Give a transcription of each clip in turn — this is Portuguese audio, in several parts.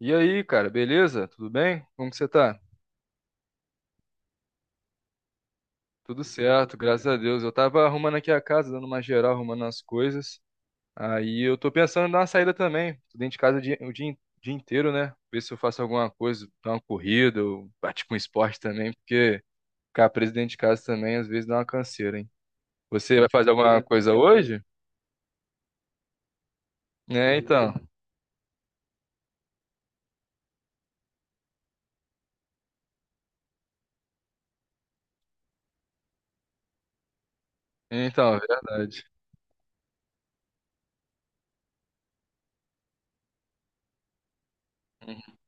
E aí, cara, beleza? Tudo bem? Como que você tá? Tudo certo, graças a Deus. Eu tava arrumando aqui a casa, dando uma geral, arrumando as coisas. Aí eu tô pensando em dar uma saída também. Tô dentro de casa dia inteiro, né? Ver se eu faço alguma coisa, dar uma corrida, ou partir com esporte também, porque ficar preso dentro de casa também às vezes dá uma canseira, hein? Você vai fazer alguma coisa hoje? É, então. Então, é verdade. Uhum.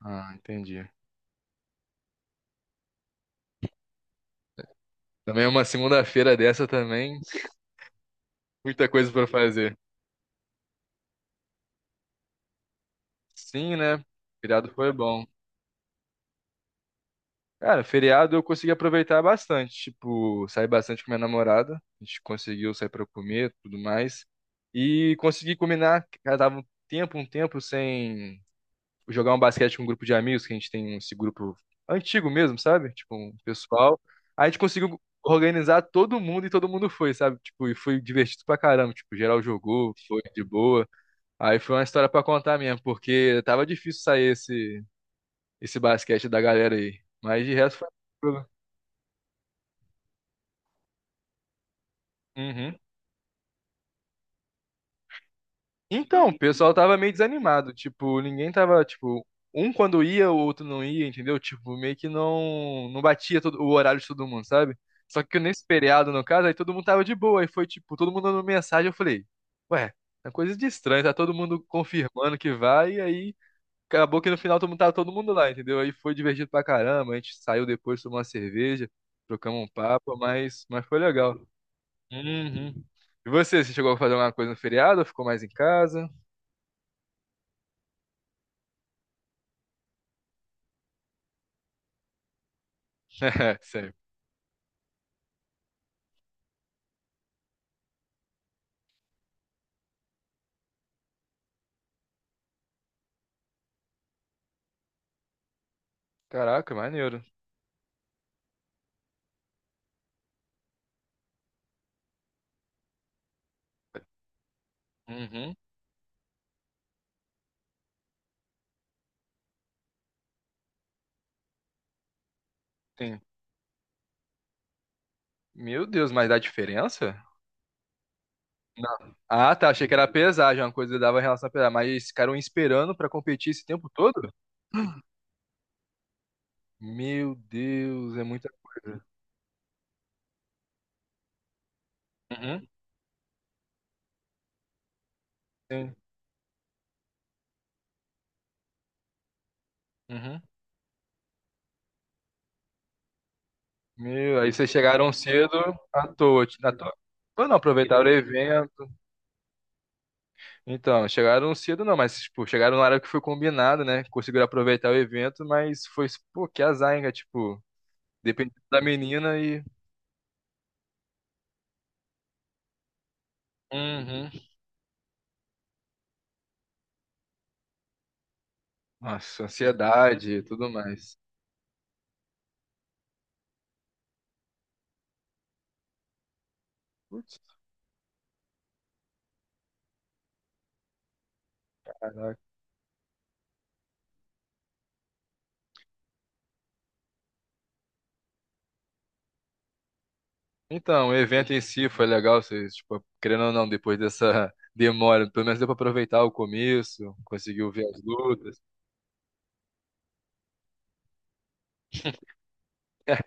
Ah, entendi. Também uma segunda-feira dessa também, muita coisa pra fazer. Sim, né? Feriado foi bom. Cara, feriado eu consegui aproveitar bastante. Tipo, saí bastante com minha namorada. A gente conseguiu sair pra comer, tudo mais. E consegui combinar. Cara, tava um tempo sem jogar um basquete com um grupo de amigos, que a gente tem esse grupo antigo mesmo, sabe? Tipo, um pessoal. Aí a gente conseguiu organizar todo mundo e todo mundo foi, sabe? Tipo, e foi divertido pra caramba. Tipo, geral jogou, foi de boa. Aí foi uma história pra contar mesmo, porque tava difícil sair esse basquete da galera aí. Mas de resto foi tranquilo. Uhum. Então, o pessoal tava meio desanimado. Tipo, ninguém tava, tipo, um quando ia, o outro não ia, entendeu? Tipo, meio que não batia todo, o horário de todo mundo, sabe? Só que nesse feriado, no caso, aí todo mundo tava de boa. Aí foi, tipo, todo mundo mandando mensagem. Eu falei, ué, é coisa de estranho, tá todo mundo confirmando que vai. E aí acabou que no final todo mundo tava todo mundo lá, entendeu? Aí foi divertido pra caramba. A gente saiu depois, tomou uma cerveja, trocamos um papo, mas foi legal. Uhum. E você, você chegou a fazer alguma coisa no feriado ou ficou mais em casa? É, sério. Caraca, maneiro. Uhum. Tem. Meu Deus, mas dá diferença? Não. Ah, tá. Achei que era pesar, já uma coisa que dava relação a pesar. Mas ficaram esperando pra competir esse tempo todo? Meu Deus, é muita coisa. Uhum. Sim. Uhum. Meu, aí vocês chegaram cedo à toa. À toa. Ou não, aproveitaram o evento. Então, chegaram cedo não, mas, tipo, chegaram na hora que foi combinado, né? Conseguiram aproveitar o evento, mas foi, pô, que azar, hein, cara? Tipo, dependendo da menina e... Uhum. Nossa, ansiedade e tudo mais. Putz, caraca. Então, o evento em si foi legal, vocês, tipo, querendo ou não, depois dessa demora, pelo menos deu pra aproveitar o começo, conseguiu ver as lutas.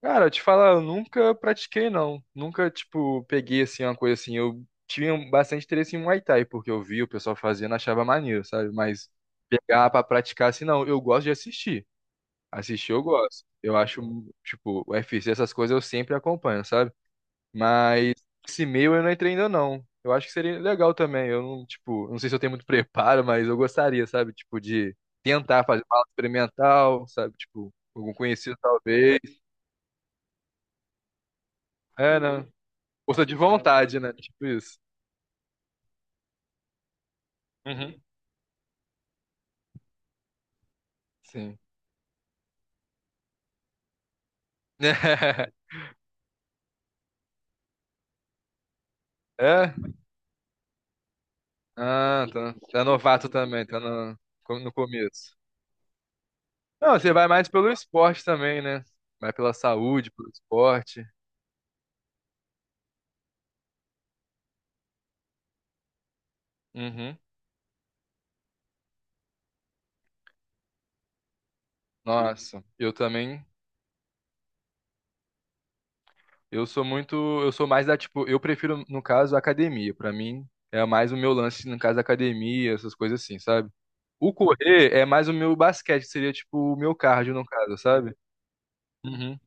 Cara, eu te falar, eu nunca pratiquei, não. Nunca, tipo, peguei, assim, uma coisa assim. Eu tinha bastante interesse em Muay Thai, porque eu vi o pessoal fazendo, achava maneiro, sabe? Mas pegar pra praticar, assim, não. Eu gosto de assistir. Assistir eu gosto. Eu acho, tipo, o UFC, essas coisas eu sempre acompanho, sabe? Mas esse meio eu não entrei ainda, não. Eu acho que seria legal também. Eu não, tipo, não sei se eu tenho muito preparo, mas eu gostaria, sabe? Tipo, de tentar fazer uma aula experimental, sabe? Tipo, algum conhecido talvez. É, né? Força de vontade, né? Tipo isso. Uhum. Sim. É? Ah, tá. Tá novato também, tá no, no começo. Não, você vai mais pelo esporte também, né? Vai pela saúde, pelo esporte. Uhum. Nossa, eu também, eu sou muito, eu sou mais da, tipo, eu prefiro, no caso, a academia. Pra mim, é mais o meu lance, no caso, da academia, essas coisas assim, sabe? O correr é mais o meu basquete, que seria, tipo, o meu cardio, no caso, sabe? Uhum.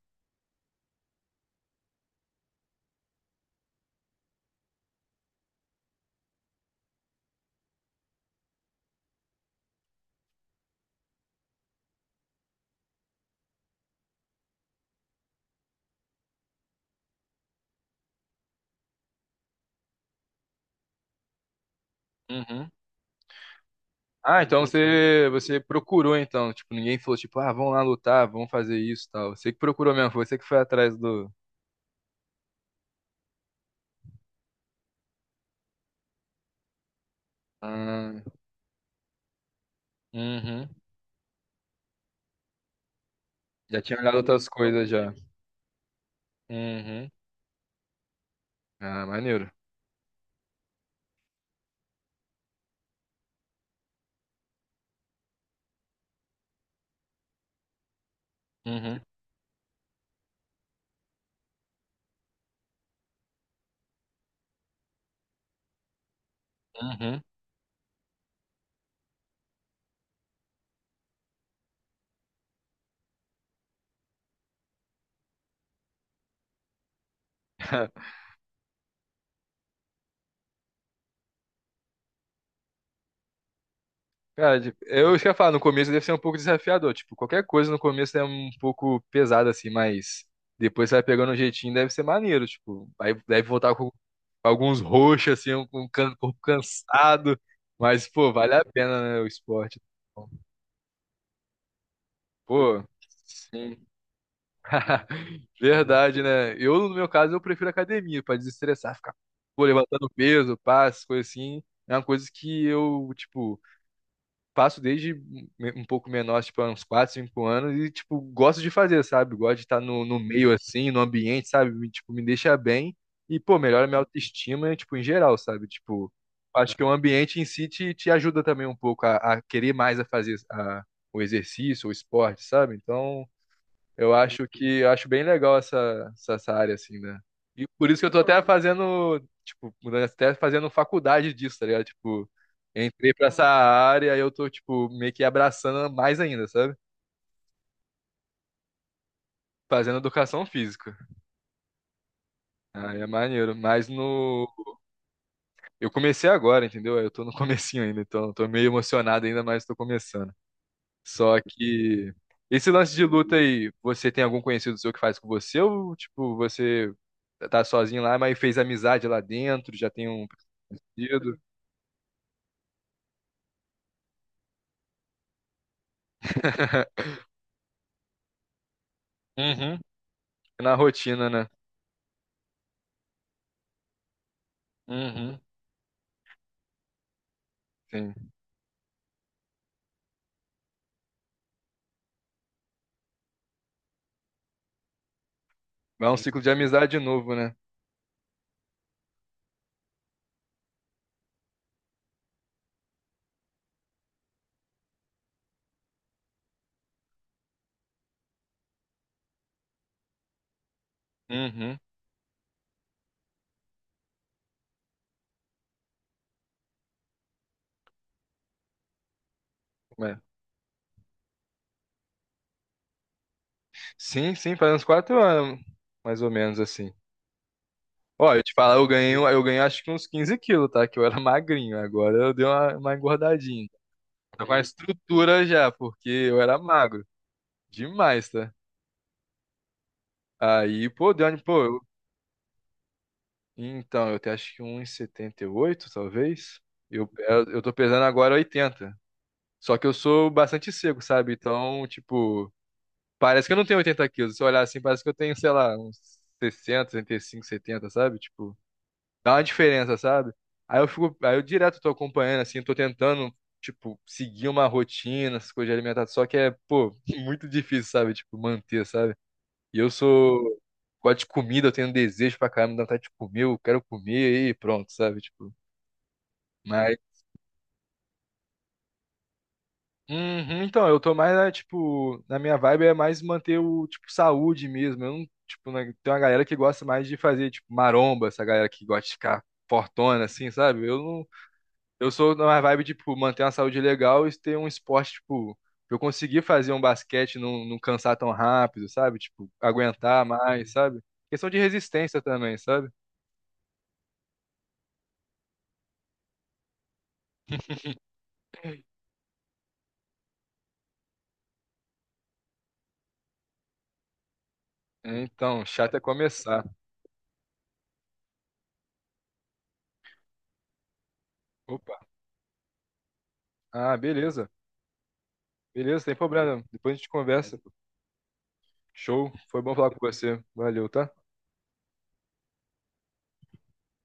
Uhum. Ah, então você, você procurou então, tipo, ninguém falou tipo, ah, vamos lá lutar, vamos fazer isso, e tal. Você que procurou mesmo, foi você que foi atrás do Ah, uhum. Já tinha olhado outras coisas já. Uhum. Ah, maneiro. Uhum. Uhum. Cara, tipo, eu ia falar no começo deve ser um pouco desafiador, tipo, qualquer coisa no começo é um pouco pesada assim, mas depois você vai pegando um jeitinho, deve ser maneiro, tipo, vai deve voltar com alguns roxos assim, corpo cansado, mas pô, vale a pena, né, o esporte. Pô, sim. Verdade, né? Eu, no meu caso, eu prefiro academia pra desestressar, ficar, pô, levantando peso, passo, coisa assim. É uma coisa que eu, tipo, faço desde um pouco menor, tipo, há uns 4, 5 anos e, tipo, gosto de fazer, sabe? Gosto de estar no, no meio, assim, no ambiente, sabe? Me, tipo, me deixa bem e, pô, melhora minha autoestima, tipo, em geral, sabe? Tipo, acho que o ambiente em si te, ajuda também um pouco a querer mais a fazer o exercício, o esporte, sabe? Então... Eu acho que eu acho bem legal essa área, assim, né? E por isso que eu tô até fazendo, tipo, mudando, até fazendo faculdade disso, tá ligado? Tipo, entrei pra essa área e eu tô, tipo, meio que abraçando mais ainda, sabe? Fazendo educação física. Aí é maneiro. Mas no. Eu comecei agora, entendeu? Eu tô no comecinho ainda, então eu tô meio emocionado ainda, mas tô começando. Só que. Esse lance de luta aí, você tem algum conhecido seu que faz com você ou, tipo, você tá sozinho lá, mas fez amizade lá dentro, já tem um partido. Uhum. Na rotina, né? Uhum. Sim. Vai um ciclo de amizade de novo, né? Uhum. É. Sim, sim, faz uns 4 anos, mais ou menos assim. Ó, eu te falar, eu ganhei acho que uns 15 quilos, tá? Que eu era magrinho, agora eu dei uma engordadinha. Tô com a estrutura já, porque eu era magro. Demais, tá? Aí, pô, pô, então, eu até acho que 1,78 talvez. Eu tô pesando agora 80. Só que eu sou bastante seco, sabe? Então, tipo, parece que eu não tenho 80 quilos. Se eu olhar assim, parece que eu tenho, sei lá, uns 60, 65, 70, sabe? Tipo, dá uma diferença, sabe? Aí eu fico, aí eu direto tô acompanhando, assim, tô tentando, tipo, seguir uma rotina, essas coisas de alimentação. Só que é, pô, muito difícil, sabe? Tipo, manter, sabe? E eu sou. Gosto de comida, eu tenho desejo pra caramba, dá vontade de comer, eu quero comer e pronto, sabe? Tipo, mas. Uhum, então, eu tô mais, né, tipo, na minha vibe é mais manter o, tipo, saúde mesmo. Eu não, tipo, né, tem uma galera que gosta mais de fazer, tipo, maromba, essa galera que gosta de ficar fortona, assim, sabe? Eu não, eu sou na vibe, tipo, manter uma saúde legal e ter um esporte, tipo, pra eu conseguir fazer um basquete, e não cansar tão rápido, sabe? Tipo, aguentar mais, sabe? Questão de resistência também, sabe? Então, chato é começar. Opa. Ah, beleza. Beleza, sem problema. Depois a gente conversa. Show. Foi bom falar com você. Valeu, tá?